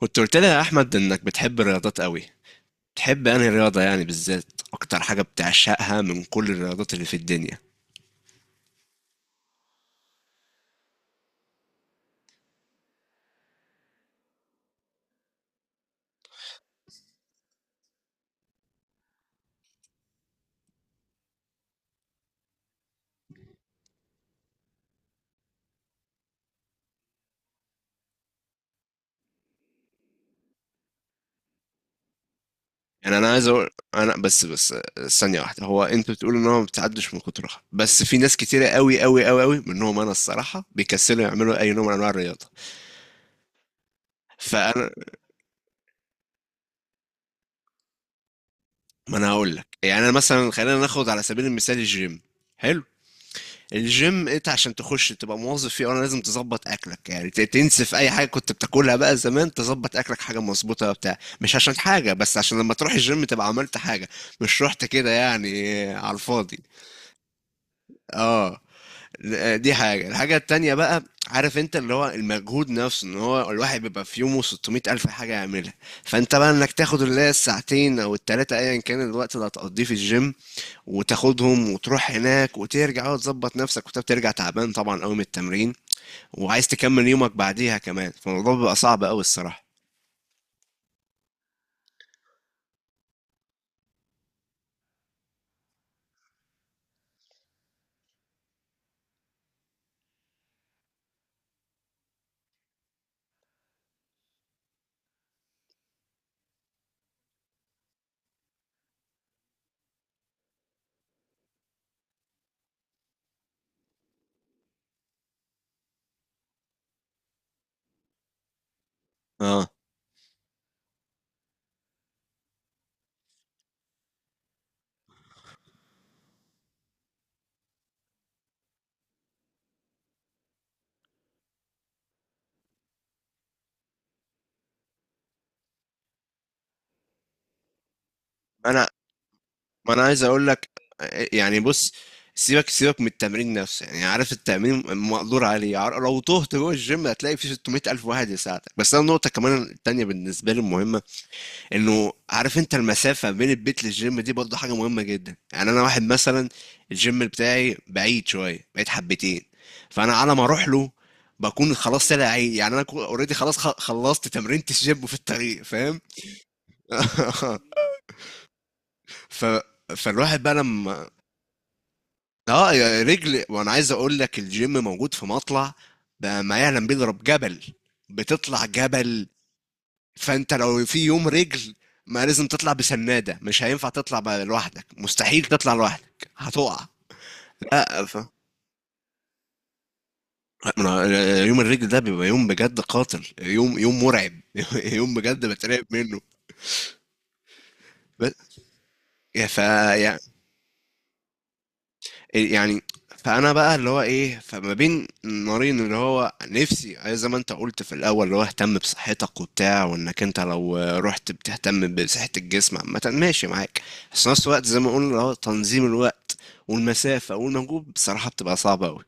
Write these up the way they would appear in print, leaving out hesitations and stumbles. كنت قلت لي يا احمد انك بتحب الرياضات قوي. بتحب انهي رياضه، يعني بالذات اكتر حاجه بتعشقها من كل الرياضات اللي في الدنيا؟ يعني انا عايز اقول انا بس ثانيه واحده. هو انت بتقول ان هو ما بتعدش من كترها، بس في ناس كتيره قوي قوي قوي قوي منهم انا الصراحه بيكسلوا يعملوا اي نوع من انواع الرياضه. فانا، ما انا هقول لك، يعني انا مثلا خلينا ناخد على سبيل المثال الجيم. حلو. الجيم انت عشان تخش تبقى موظف فيه، انا لازم تظبط اكلك، يعني تنسف اي حاجه كنت بتاكلها بقى زمان، تظبط اكلك حاجه مظبوطه بتاع. مش عشان حاجه بس عشان لما تروح الجيم تبقى عملت حاجه، مش رحت كده يعني على الفاضي. اه. دي حاجه. الحاجه التانية بقى، عارف انت، اللي هو المجهود نفسه، ان هو الواحد بيبقى في يومه 600 الف حاجه يعملها. فانت بقى انك تاخد اللي هي الساعتين او التلاته ايا كان الوقت اللي هتقضيه في الجيم، وتاخدهم وتروح هناك وترجع وتظبط نفسك، وانت بترجع تعبان طبعا قوي من التمرين، وعايز تكمل يومك بعديها كمان، فالموضوع بيبقى صعب قوي الصراحة. اه. انا، ما انا عايز اقول لك، يعني بص، سيبك سيبك من التمرين نفسه، يعني عارف التمرين مقدور عليه، لو تهت جوه الجيم هتلاقي في 600 ألف واحد يساعدك. بس أنا النقطة كمان التانية بالنسبة لي المهمة، انه عارف انت المسافه بين البيت للجيم دي برضه حاجه مهمه جدا. يعني انا واحد مثلا الجيم بتاعي بعيد شويه، بعيد حبتين. فانا على ما اروح له بكون خلاص طلع عيد، يعني انا اوريدي خلاص خلصت تمرينة الجيم في الطريق، فاهم؟ ف فالواحد بقى لما، اه، يا رجل، وانا عايز اقول لك الجيم موجود في مطلع بقى ما يعلم به الا رب جبل. بتطلع جبل. فانت لو في يوم رجل ما، لازم تطلع بسنادة، مش هينفع تطلع بقى لوحدك، مستحيل تطلع لوحدك هتقع. لا. من يوم الرجل ده بيبقى يوم بجد قاتل، يوم، يوم مرعب. يوم بجد بترعب منه. بس، يا ف يا إيه يعني. فانا بقى اللي هو ايه، فما بين نارين، اللي هو نفسي، أي زي ما انت قلت في الاول، اللي هو اهتم بصحتك وبتاع، وانك انت لو رحت بتهتم بصحة الجسم عامة ماشي معاك. بس في نفس الوقت زي ما قلنا اللي هو تنظيم الوقت والمسافة والمجهود بصراحة بتبقى صعبة قوي.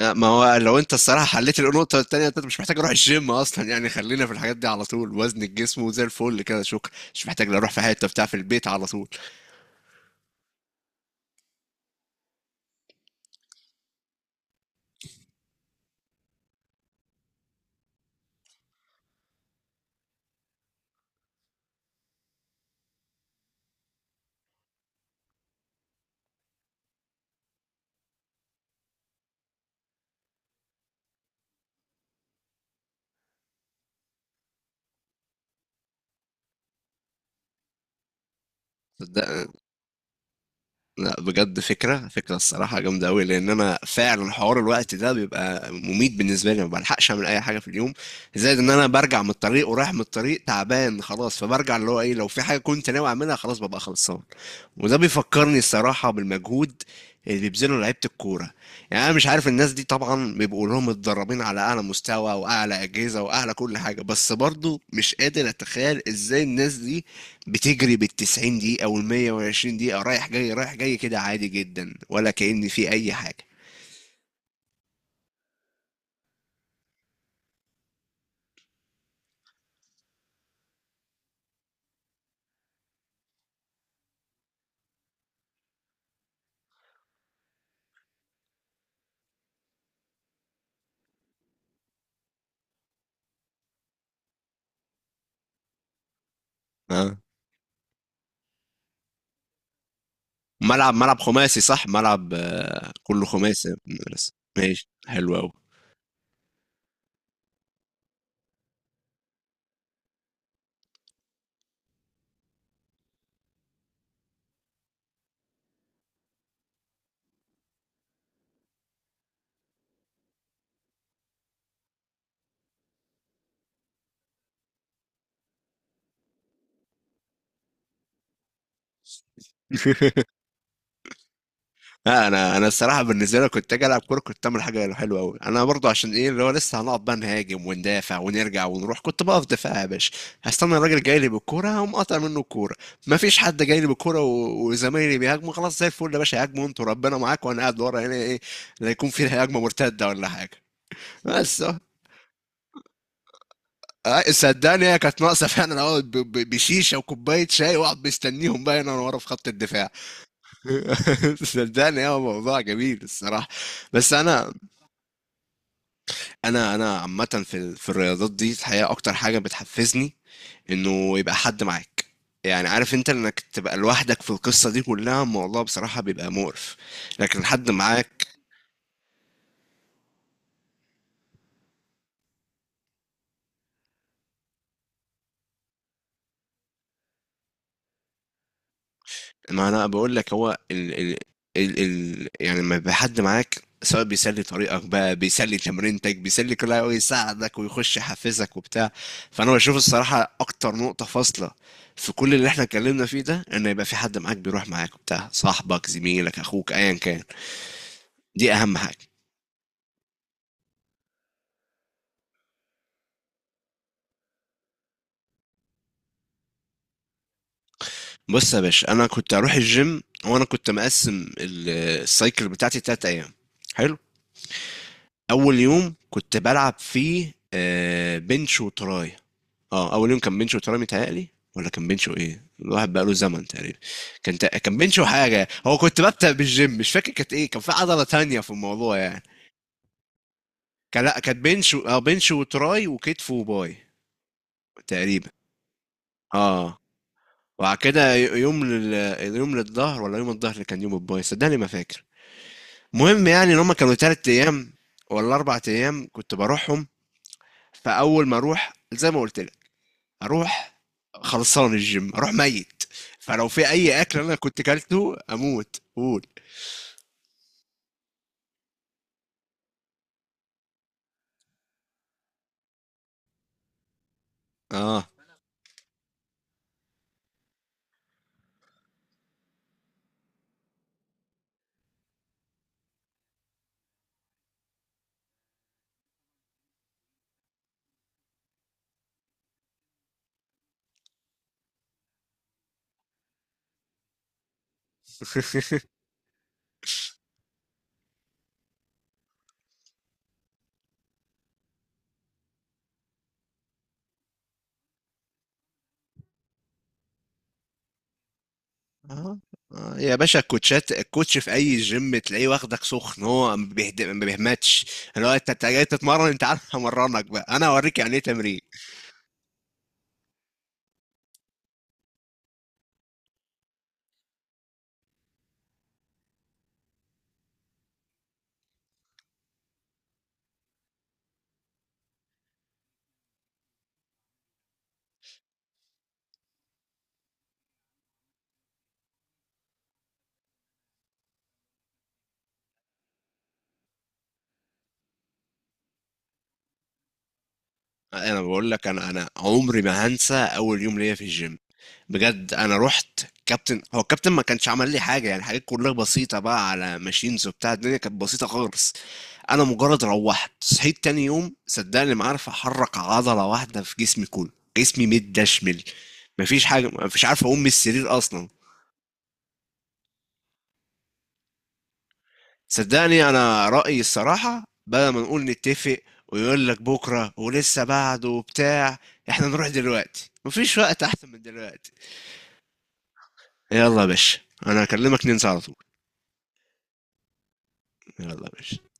ما هو لو انت الصراحة حليت النقطة التانية، انت مش محتاج اروح الجيم اصلا. يعني خلينا في الحاجات دي على طول، وزن الجسم وزي الفل كده، شكرا. مش محتاج لا اروح في حتة بتاع، في البيت على طول. صدق. لا بجد، فكرة الصراحة جامدة أوي، لأن أنا فعلا حوار الوقت ده بيبقى مميت بالنسبة لي، ما بلحقش أعمل أي حاجة في اليوم. زائد إن أنا برجع من الطريق ورايح من الطريق تعبان خلاص، فبرجع اللي هو إيه، لو في حاجة كنت ناوي أعملها خلاص ببقى خلصان. وده بيفكرني الصراحة بالمجهود اللي بيبذله لعيبة الكورة. يعني أنا مش عارف، الناس دي طبعا بيبقوا لهم متدربين على أعلى مستوى وأعلى أجهزة وأعلى كل حاجة، بس برضو مش قادر أتخيل إزاي الناس دي بتجري بالـ90 دقيقة والمية وعشرين دقيقة رايح جاي رايح جاي كده عادي جدا ولا كأن في أي حاجة. اه. ملعب خماسي صح، ملعب كله خماسي. بس ماشي حلو أوي. لا، انا الصراحه بالنسبه لي كنت اجي العب كوره كنت اعمل حاجه حلوه قوي. انا برضو عشان ايه، اللي هو لسه هنقعد بقى نهاجم وندافع ونرجع ونروح، كنت بقف دفاع يا باشا. هستنى الراجل جاي لي بالكوره هقوم قاطع منه الكوره. ما فيش حد جاي لي بالكوره وزمايلي بيهاجموا خلاص، زي الفل يا باشا، هاجموا انتوا ربنا معاك وانا قاعد ورا هنا. ايه، لا يكون في هجمه مرتده ولا حاجه. بس أهو. صدقني هي كانت ناقصه فعلا، اقعد بشيشه وكوبايه شاي، واقعد مستنيهم بقى هنا ورا في خط الدفاع. صدقني هو موضوع جميل الصراحه. بس انا عامه في الرياضات دي الحقيقه اكتر حاجه بتحفزني انه يبقى حد معاك. يعني عارف انت انك تبقى لوحدك في القصه دي كلها الموضوع بصراحه بيبقى مقرف، لكن حد معاك. ما انا بقول لك، هو ال ال ال ال يعني لما يبقى حد معاك، سواء بيسلي طريقك بقى، بيسلي تمرينتك، بيسلي كل حاجه، ويساعدك ويخش يحفزك وبتاع. فانا بشوف الصراحه اكتر نقطه فاصله في كل اللي احنا اتكلمنا فيه ده ان يبقى في حد معاك بيروح معاك وبتاع، صاحبك، زميلك، اخوك، ايا كان. دي اهم حاجه. بص يا باشا، انا كنت هروح الجيم وانا كنت مقسم السايكل بتاعتي 3 ايام. حلو. اول يوم كنت بلعب فيه بنش وتراي. اه، اول يوم كان بنش وتراي متهيألي، ولا كان بنش وايه؟ الواحد بقاله زمن تقريبا. كان، كان بنش وحاجه، هو كنت ببدأ بالجيم مش فاكر كانت ايه، كان في عضله تانية في الموضوع يعني. كان، لا، كانت بنش و- اه بنش وتراي وكتف وباي تقريبا. اه. وبعد كده، يوم يوم للظهر، ولا يوم الظهر اللي كان يوم الباي، صدقني ما فاكر. مهم، يعني ان هم كانوا 3 ايام ولا 4 ايام كنت بروحهم. فاول ما اروح زي ما قلت لك، اروح خلصان الجيم، اروح ميت، فلو في اي اكل انا كنت كلته اموت قول. اه. آه. آه. يا باشا، الكوتشات، الكوتش في اي جيم تلاقيه واخدك سخن، هو ما بيهمتش، اللي هو انت جاي تتمرن، انت عارف همرنك بقى، انا اوريك يعني ايه تمرين. انا بقول لك، انا عمري ما هنسى اول يوم ليا في الجيم. بجد، انا رحت كابتن، هو الكابتن ما كانش عمل لي حاجه، يعني حاجات كلها بسيطه بقى على ماشينز وبتاع، الدنيا كانت بسيطه خالص. انا مجرد روحت صحيت تاني يوم صدقني ما عارف احرك عضله واحده في جسمي كله، جسمي متدشمل، مفيش حاجه، مفيش، عارف اقوم من السرير اصلا. صدقني انا رايي الصراحه، بدل ما نقول نتفق ويقول لك بكره ولسه بعده وبتاع، احنا نروح دلوقتي، مفيش وقت احسن من دلوقتي. يلا يا باشا. انا هكلمك ننسى على طول. يلا يا باشا.